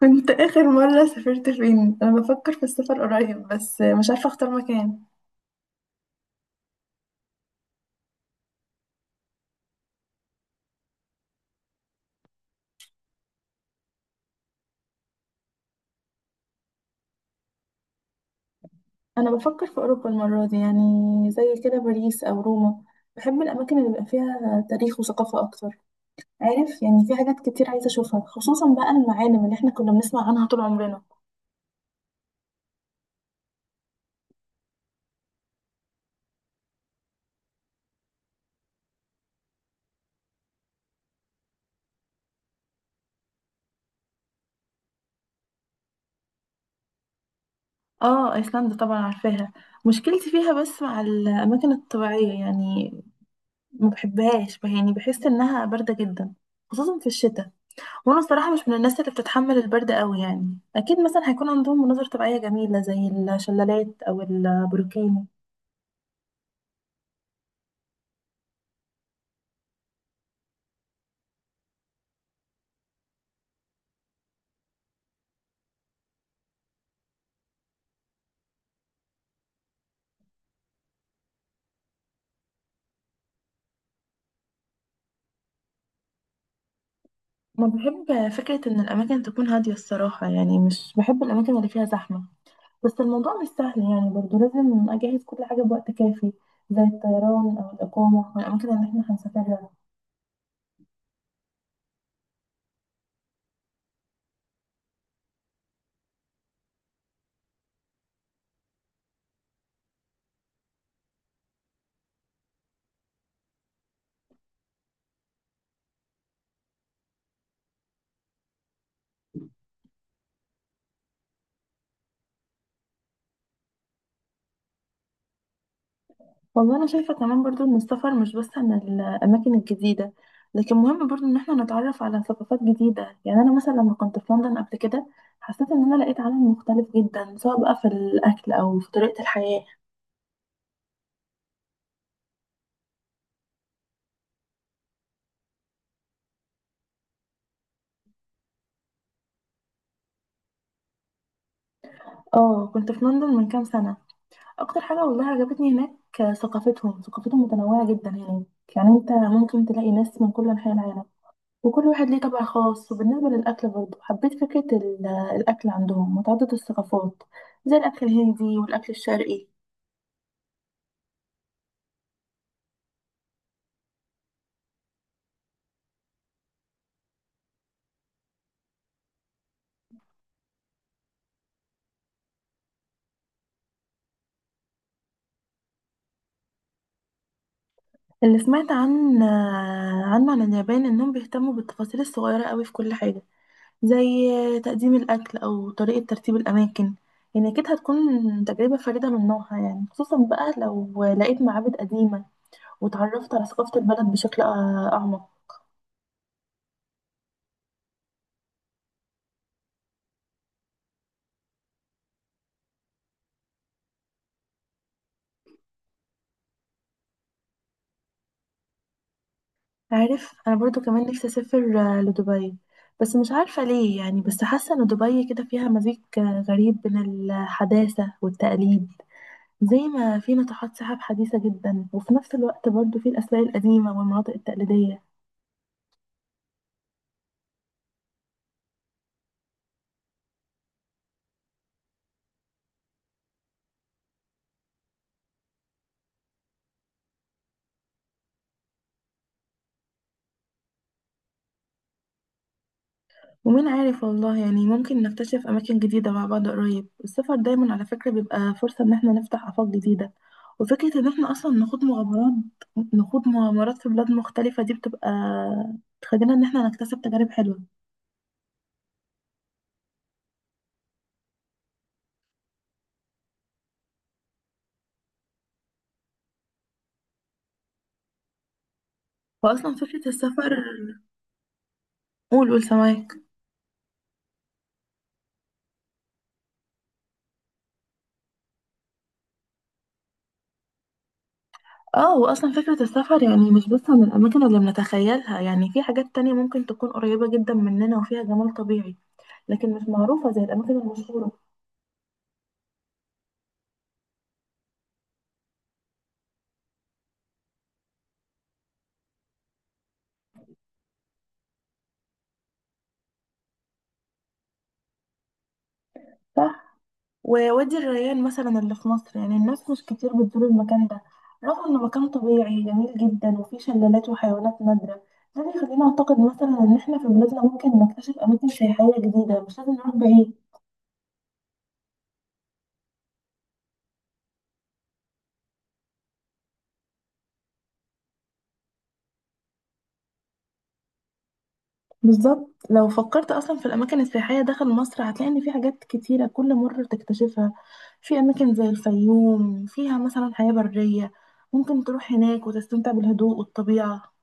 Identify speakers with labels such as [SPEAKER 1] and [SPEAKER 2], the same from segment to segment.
[SPEAKER 1] كنت آخر مرة سافرت فين؟ أنا بفكر في السفر قريب بس مش عارفة أختار مكان. أنا بفكر في أوروبا المرة دي زي كده باريس أو روما. بحب الأماكن اللي بيبقى فيها تاريخ وثقافة أكتر. عارف يعني في حاجات كتير عايزة أشوفها، خصوصا بقى المعالم اللي إحنا كنا بنسمع عنها طول عمرنا. آه أيسلندا طبعا عارفاها. مشكلتي فيها بس مع الأماكن الطبيعية، يعني ما بحبهاش، يعني بحس إنها باردة جدا خصوصا في الشتاء. وانا الصراحه مش من الناس اللي بتتحمل البرد قوي، يعني اكيد مثلا هيكون عندهم مناظر طبيعيه جميله زي الشلالات او البروكين. ما بحب فكره ان الاماكن تكون هاديه الصراحه، يعني مش بحب الاماكن اللي فيها زحمه. بس الموضوع مش سهل يعني، برضو لازم اجهز كل حاجه بوقت كافي زي الطيران او الاقامه والاماكن اللي احنا هنسافرها. والله انا شايفه كمان برضو ان السفر مش بس عن الاماكن الجديده، لكن مهم برضو ان احنا نتعرف على ثقافات جديده. يعني انا مثلا لما كنت في لندن قبل كده حسيت ان انا لقيت عالم مختلف جدا، سواء بقى في الاكل او في طريقه الحياه. اه كنت في لندن من كام سنه. اكتر حاجه والله عجبتني هناك ثقافتهم متنوعه جدا هناك، يعني انت ممكن تلاقي ناس من كل انحاء العالم وكل واحد ليه طبع خاص. وبالنسبه للاكل برضو حبيت فكره الاكل عندهم متعدد الثقافات زي الاكل الهندي والاكل الشرقي. اللي سمعت عنه عن اليابان انهم بيهتموا بالتفاصيل الصغيره قوي في كل حاجه، زي تقديم الاكل او طريقه ترتيب الاماكن. يعني اكيد هتكون تجربه فريده من نوعها، يعني خصوصا بقى لو لقيت معابد قديمه وتعرفت على ثقافه البلد بشكل اعمق. عارف انا برضو كمان نفسي اسافر لدبي. بس مش عارفه ليه، يعني بس حاسه ان دبي كده فيها مزيج غريب بين الحداثه والتقليد، زي ما في ناطحات سحاب حديثة جدا وفي نفس الوقت برضو في الأسلاك القديمة والمناطق التقليدية. ومين عارف والله، يعني ممكن نكتشف أماكن جديدة مع بعض قريب. السفر دايما على فكرة بيبقى فرصة إن احنا نفتح آفاق جديدة، وفكرة إن احنا أصلا نخوض مغامرات في بلاد مختلفة دي بتبقى تخلينا إن احنا نكتسب تجارب حلوة. وأصلا فكرة السفر، قول سماك. اه واصلا فكرة السفر يعني مش بس عن الاماكن اللي بنتخيلها، يعني في حاجات تانية ممكن تكون قريبة جدا مننا وفيها جمال طبيعي لكن مش معروفة زي الأماكن المشهورة. صح. ووادي الريان مثلا اللي في مصر، يعني الناس مش كتير بتزور المكان ده رغم إنه مكان طبيعي جميل جدا وفيه شلالات وحيوانات نادرة. ده بيخلينا أعتقد مثلا إن إحنا في بلادنا ممكن نكتشف أماكن سياحية جديدة، مش لازم نروح بعيد. بالظبط، لو فكرت أصلا في الأماكن السياحية داخل مصر هتلاقي إن في حاجات كتيرة كل مرة تكتشفها. في أماكن زي الفيوم فيها مثلا حياة برية، ممكن تروح هناك وتستمتع بالهدوء والطبيعة.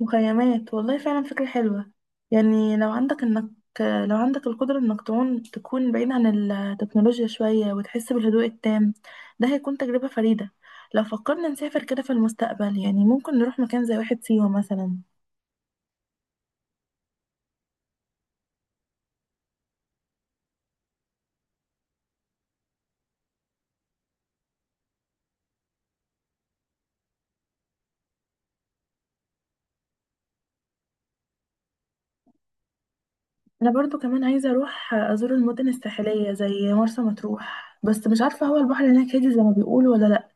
[SPEAKER 1] مخيمات والله فعلا فكرة حلوة. يعني لو عندك القدرة انك تعون تكون بعيد عن التكنولوجيا شوية وتحس بالهدوء التام، ده هيكون تجربة فريدة. لو فكرنا نسافر كده في المستقبل يعني ممكن نروح مكان زي واحة سيوة مثلا. انا برضو كمان عايزة اروح ازور المدن الساحلية زي مرسى مطروح، بس مش عارفة هو البحر هناك هادي زي ما بيقولوا ولا لا،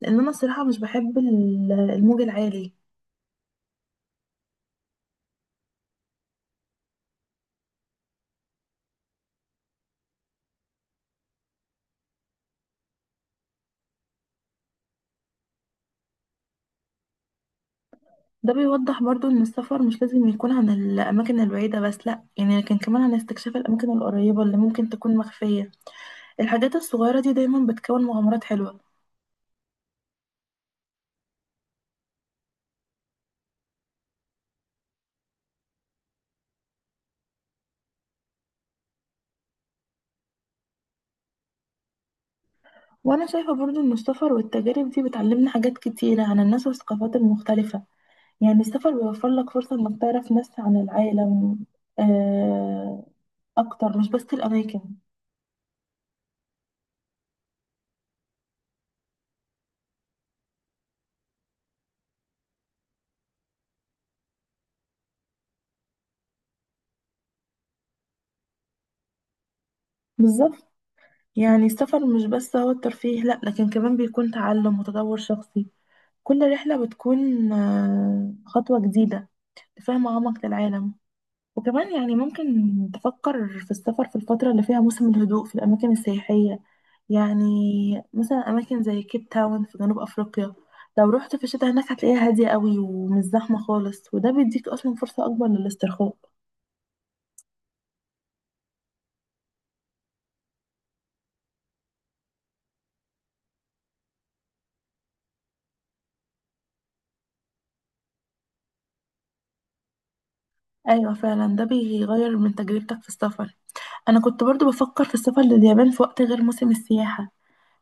[SPEAKER 1] لان انا الصراحة مش بحب الموج العالي. ده بيوضح برضو ان السفر مش لازم يكون عن الاماكن البعيده بس، لا يعني، لكن كمان عن استكشاف الاماكن القريبه اللي ممكن تكون مخفيه. الحاجات الصغيره دي دايما بتكون مغامرات حلوه. وانا شايفه برضو ان السفر والتجارب دي بتعلمنا حاجات كتيره عن الناس والثقافات المختلفه، يعني السفر بيوفر لك فرصه انك تعرف ناس عن العالم آه، اكتر، مش بس الاماكن. بالظبط، يعني السفر مش بس هو الترفيه، لا، لكن كمان بيكون تعلم وتطور شخصي. كل رحله بتكون خطوه جديده، فاهمة أعمق للعالم. وكمان يعني ممكن تفكر في السفر في الفترة اللي فيها موسم الهدوء في الأماكن السياحية، يعني مثلا أماكن زي كيب تاون في جنوب أفريقيا. لو رحت في الشتاء هناك هتلاقيها هادية قوي ومش زحمة خالص، وده بيديك أصلا فرصة أكبر للاسترخاء. أيوة فعلا، ده بيغير من تجربتك في السفر. أنا كنت برضو بفكر في السفر لليابان في وقت غير موسم السياحة،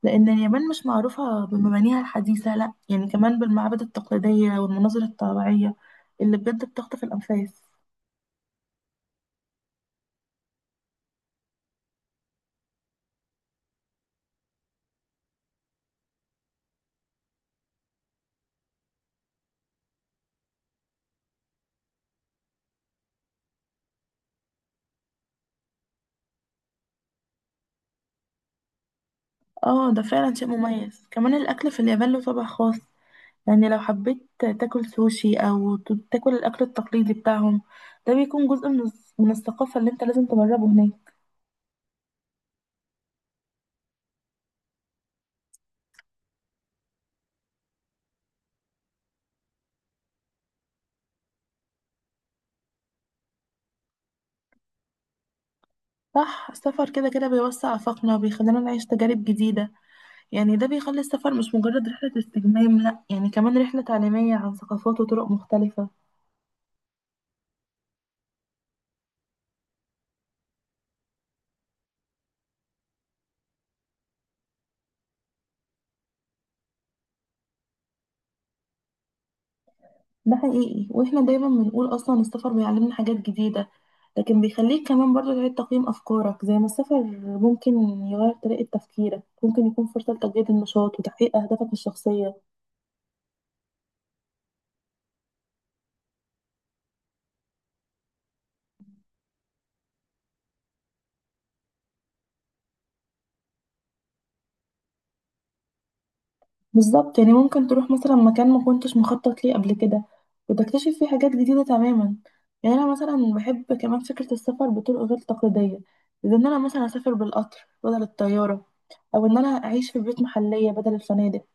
[SPEAKER 1] لأن اليابان مش معروفة بمبانيها الحديثة لأ، يعني كمان بالمعابد التقليدية والمناظر الطبيعية اللي بجد بتخطف الأنفاس. اه ده فعلا شيء مميز. كمان الأكل في اليابان له طابع خاص، يعني لو حبيت تاكل سوشي أو تاكل الأكل التقليدي بتاعهم، ده بيكون جزء من من الثقافة اللي انت لازم تجربه هناك. صح، السفر كده كده بيوسع آفاقنا وبيخلينا نعيش تجارب جديدة، يعني ده بيخلي السفر مش مجرد رحلة استجمام، لأ، يعني كمان رحلة تعليمية عن ثقافات وطرق مختلفة. ده حقيقي، واحنا دايما بنقول اصلا السفر بيعلمنا حاجات جديدة، لكن بيخليك كمان برضه تعيد تقييم افكارك. زي ما السفر ممكن يغير طريقة تفكيرك، ممكن يكون فرصة لتجديد النشاط وتحقيق اهدافك الشخصية. بالظبط، يعني ممكن تروح مثلا مكان ما كنتش مخطط ليه قبل كده وتكتشف فيه حاجات جديدة تماما. يعني انا مثلا بحب كمان فكرة السفر بطرق غير تقليدية، زي ان انا مثلا اسافر بالقطر بدل الطيارة، او ان انا اعيش في بيوت محلية بدل الفنادق.